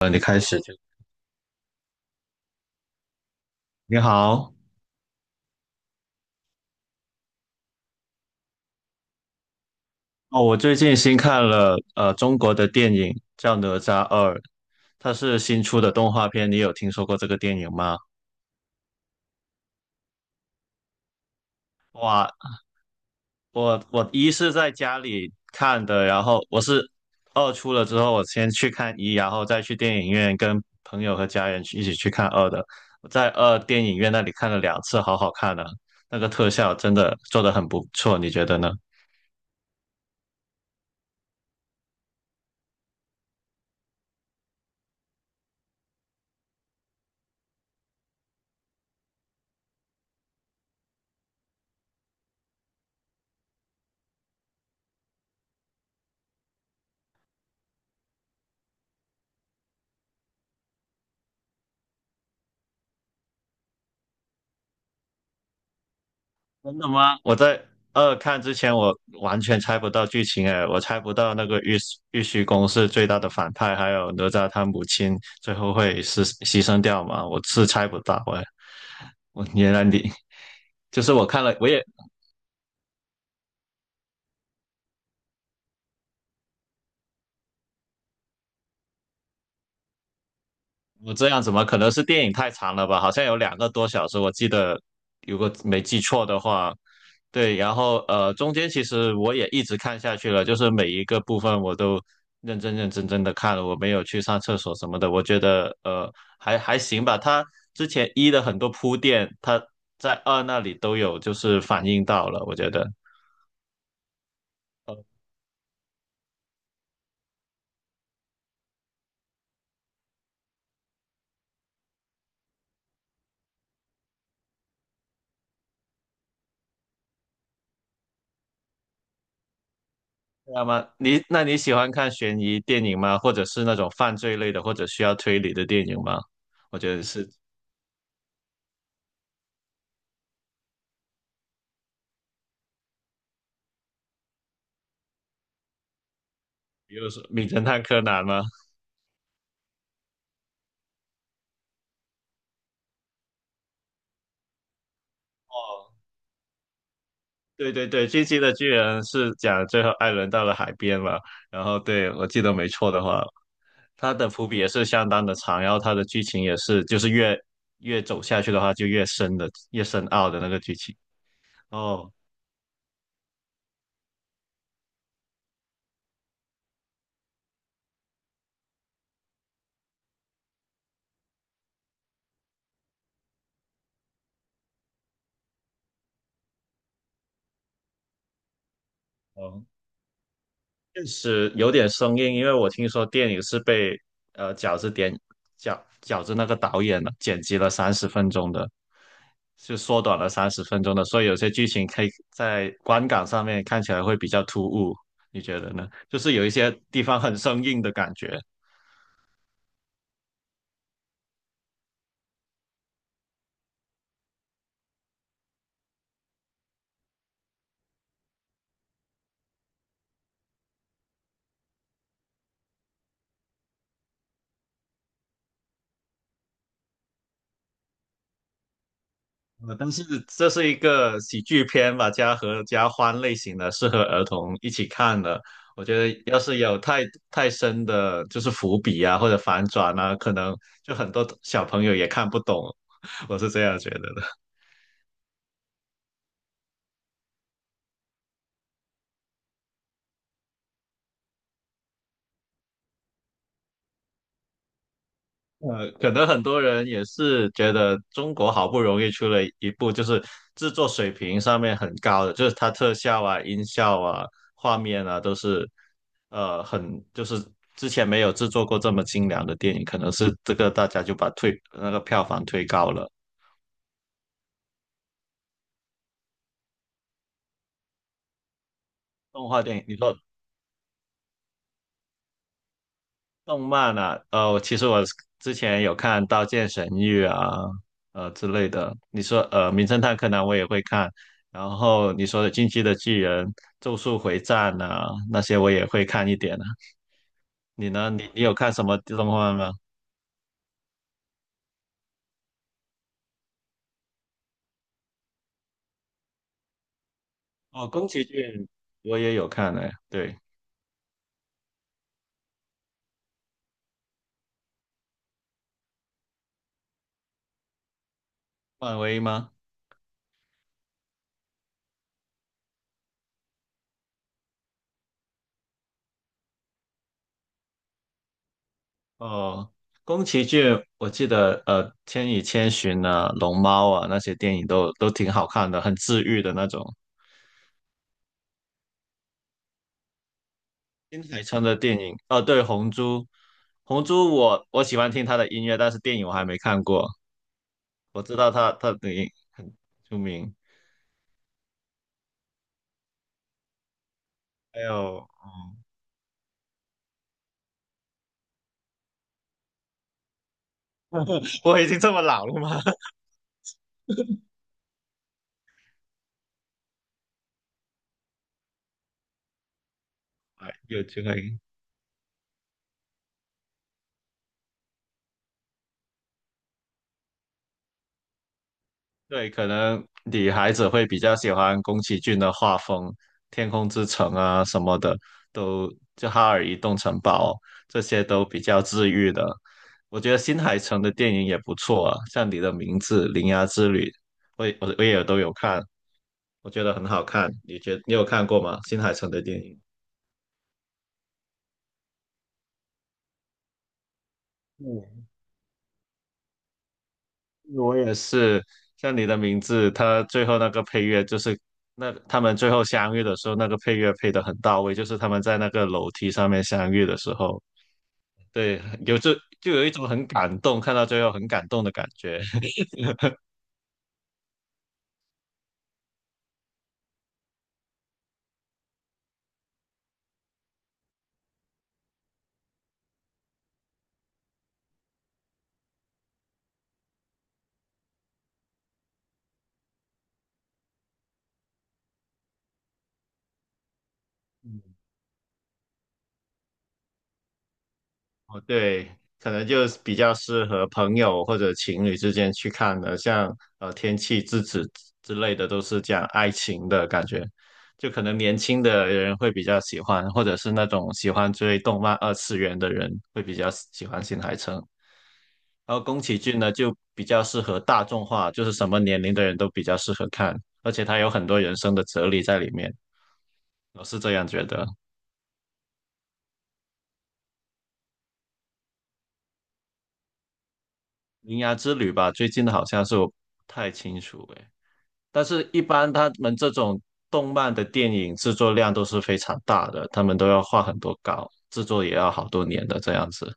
你开始就你好哦。我最近新看了中国的电影叫《哪吒二》，它是新出的动画片。你有听说过这个电影吗？哇，我一是在家里看的，然后二出了之后，我先去看一，然后再去电影院跟朋友和家人去一起去看二的。我在二电影院那里看了两次，好好看啊！那个特效真的做得很不错，你觉得呢？真的吗？我在二看之前，我完全猜不到剧情哎，我猜不到那个玉虚宫是最大的反派，还有哪吒他母亲最后会是牺牲掉吗？我是猜不到哎。我原来你就是我看了，我也我这样怎么可能是电影太长了吧？好像有2个多小时，我记得，如果没记错的话，对。然后中间其实我也一直看下去了，就是每一个部分我都认真认真真的看了，我没有去上厕所什么的。我觉得还行吧。它之前一的很多铺垫，它在二那里都有就是反映到了，我觉得。那么那你喜欢看悬疑电影吗？或者是那种犯罪类的，或者需要推理的电影吗？我觉得是。比如说《名侦探柯南》吗？哦，对对对，《进击的巨人》是讲最后艾伦到了海边嘛，然后对我记得没错的话，他的伏笔也是相当的长，然后他的剧情也是就是越走下去的话就越深奥的那个剧情。哦哦，确实有点生硬，因为我听说电影是被呃饺子点饺子那个导演剪辑了三十分钟的，就缩短了三十分钟的，所以有些剧情可以在观感上面看起来会比较突兀，你觉得呢？就是有一些地方很生硬的感觉。但是这是一个喜剧片吧，家和家欢类型的，适合儿童一起看的。我觉得要是有太深的，就是伏笔啊或者反转啊，可能就很多小朋友也看不懂。我是这样觉得的。可能很多人也是觉得中国好不容易出了一部，就是制作水平上面很高的，就是它特效啊、音效啊、画面啊，都是很就是之前没有制作过这么精良的电影，可能是这个大家就把推那个票房推高了。动画电影，你说动漫啊，其实我之前有看《刀剑神域》啊，之类的。你说《名侦探柯南》我也会看，然后你说的《进击的巨人》《咒术回战》啊，那些我也会看一点啊。你呢？你有看什么动漫吗？哦，宫崎骏我也有看哎，对，漫威吗？哦，宫崎骏我记得《千与千寻》啊，《龙猫》啊，那些电影都挺好看的，很治愈的那种。新海诚的电影，哦，对，《红猪》，我喜欢听他的音乐，但是电影我还没看过。我知道他的影很出名，还有 我已经这么老了吗？哎有机会，对，可能女孩子会比较喜欢宫崎骏的画风，《天空之城》啊什么的，都就《哈尔移动城堡》这些都比较治愈的。我觉得新海诚的电影也不错啊，像你的名字、铃芽之旅，我也都有看。我觉得很好看。你有看过吗？新海诚的电影？嗯，我也是，像你的名字，他最后那个配乐就是那他们最后相遇的时候，那个配乐配得很到位，就是他们在那个楼梯上面相遇的时候，对，就有一种很感动，看到最后很感动的感觉。哦，对，可能就是比较适合朋友或者情侣之间去看的，像《天气之子》之类的，都是讲爱情的感觉，就可能年轻的人会比较喜欢，或者是那种喜欢追动漫二次元的人会比较喜欢新海诚。然后宫崎骏呢，就比较适合大众化，就是什么年龄的人都比较适合看，而且他有很多人生的哲理在里面，我是这样觉得。《铃芽之旅》吧，最近的好像是我不太清楚诶。但是，一般他们这种动漫的电影制作量都是非常大的，他们都要画很多稿，制作也要好多年的这样子。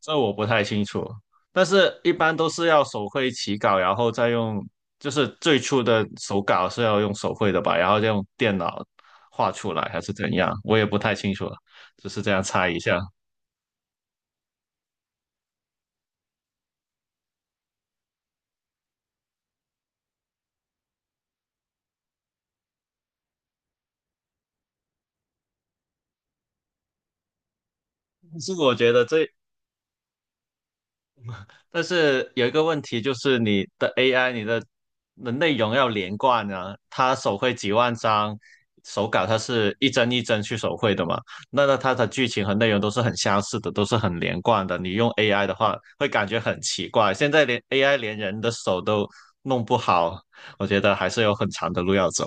这我不太清楚，但是一般都是要手绘起稿，然后再用，就是最初的手稿是要用手绘的吧，然后再用电脑画出来，还是怎样？我也不太清楚了，只是这样猜一下。但是我觉得这但是有一个问题就是你的 AI，你的内容要连贯啊，它手绘几万张手稿，它是一帧一帧去手绘的嘛，那它的剧情和内容都是很相似的，都是很连贯的。你用 AI 的话，会感觉很奇怪。现在连 AI 连人的手都弄不好，我觉得还是有很长的路要走。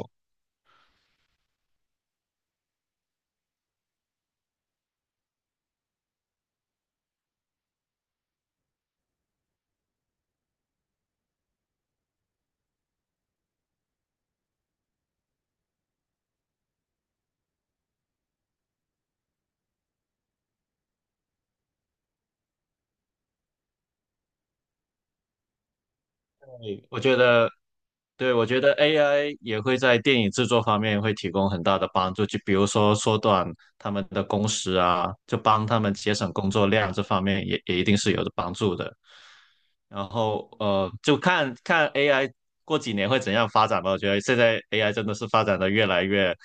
对我觉得，对，我觉得 AI 也会在电影制作方面会提供很大的帮助，就比如说缩短他们的工时啊，就帮他们节省工作量，这方面也一定是有的帮助的。然后就看看 AI 过几年会怎样发展吧。我觉得现在 AI 真的是发展的越来越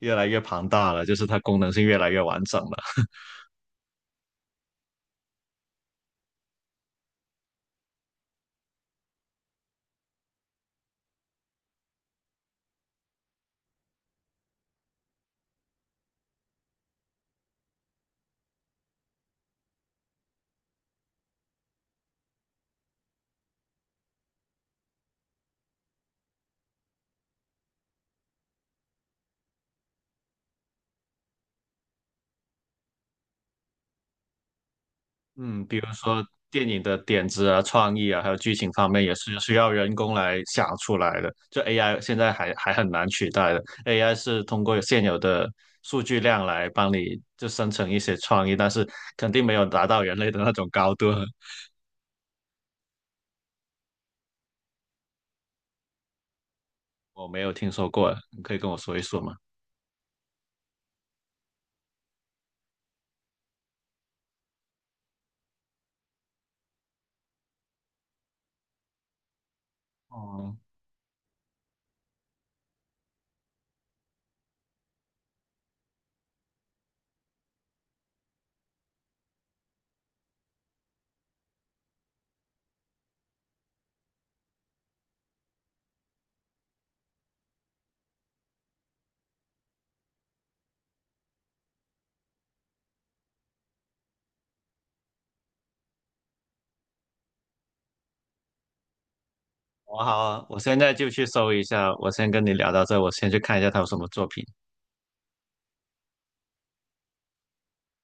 越来越庞大了，就是它功能性越来越完整了。嗯，比如说电影的点子啊、创意啊，还有剧情方面也是需要人工来想出来的。就 AI 现在还很难取代的，AI 是通过现有的数据量来帮你就生成一些创意，但是肯定没有达到人类的那种高度。我没有听说过，你可以跟我说一说吗？哦，我好啊，我现在就去搜一下。我先跟你聊到这，我先去看一下他有什么作品。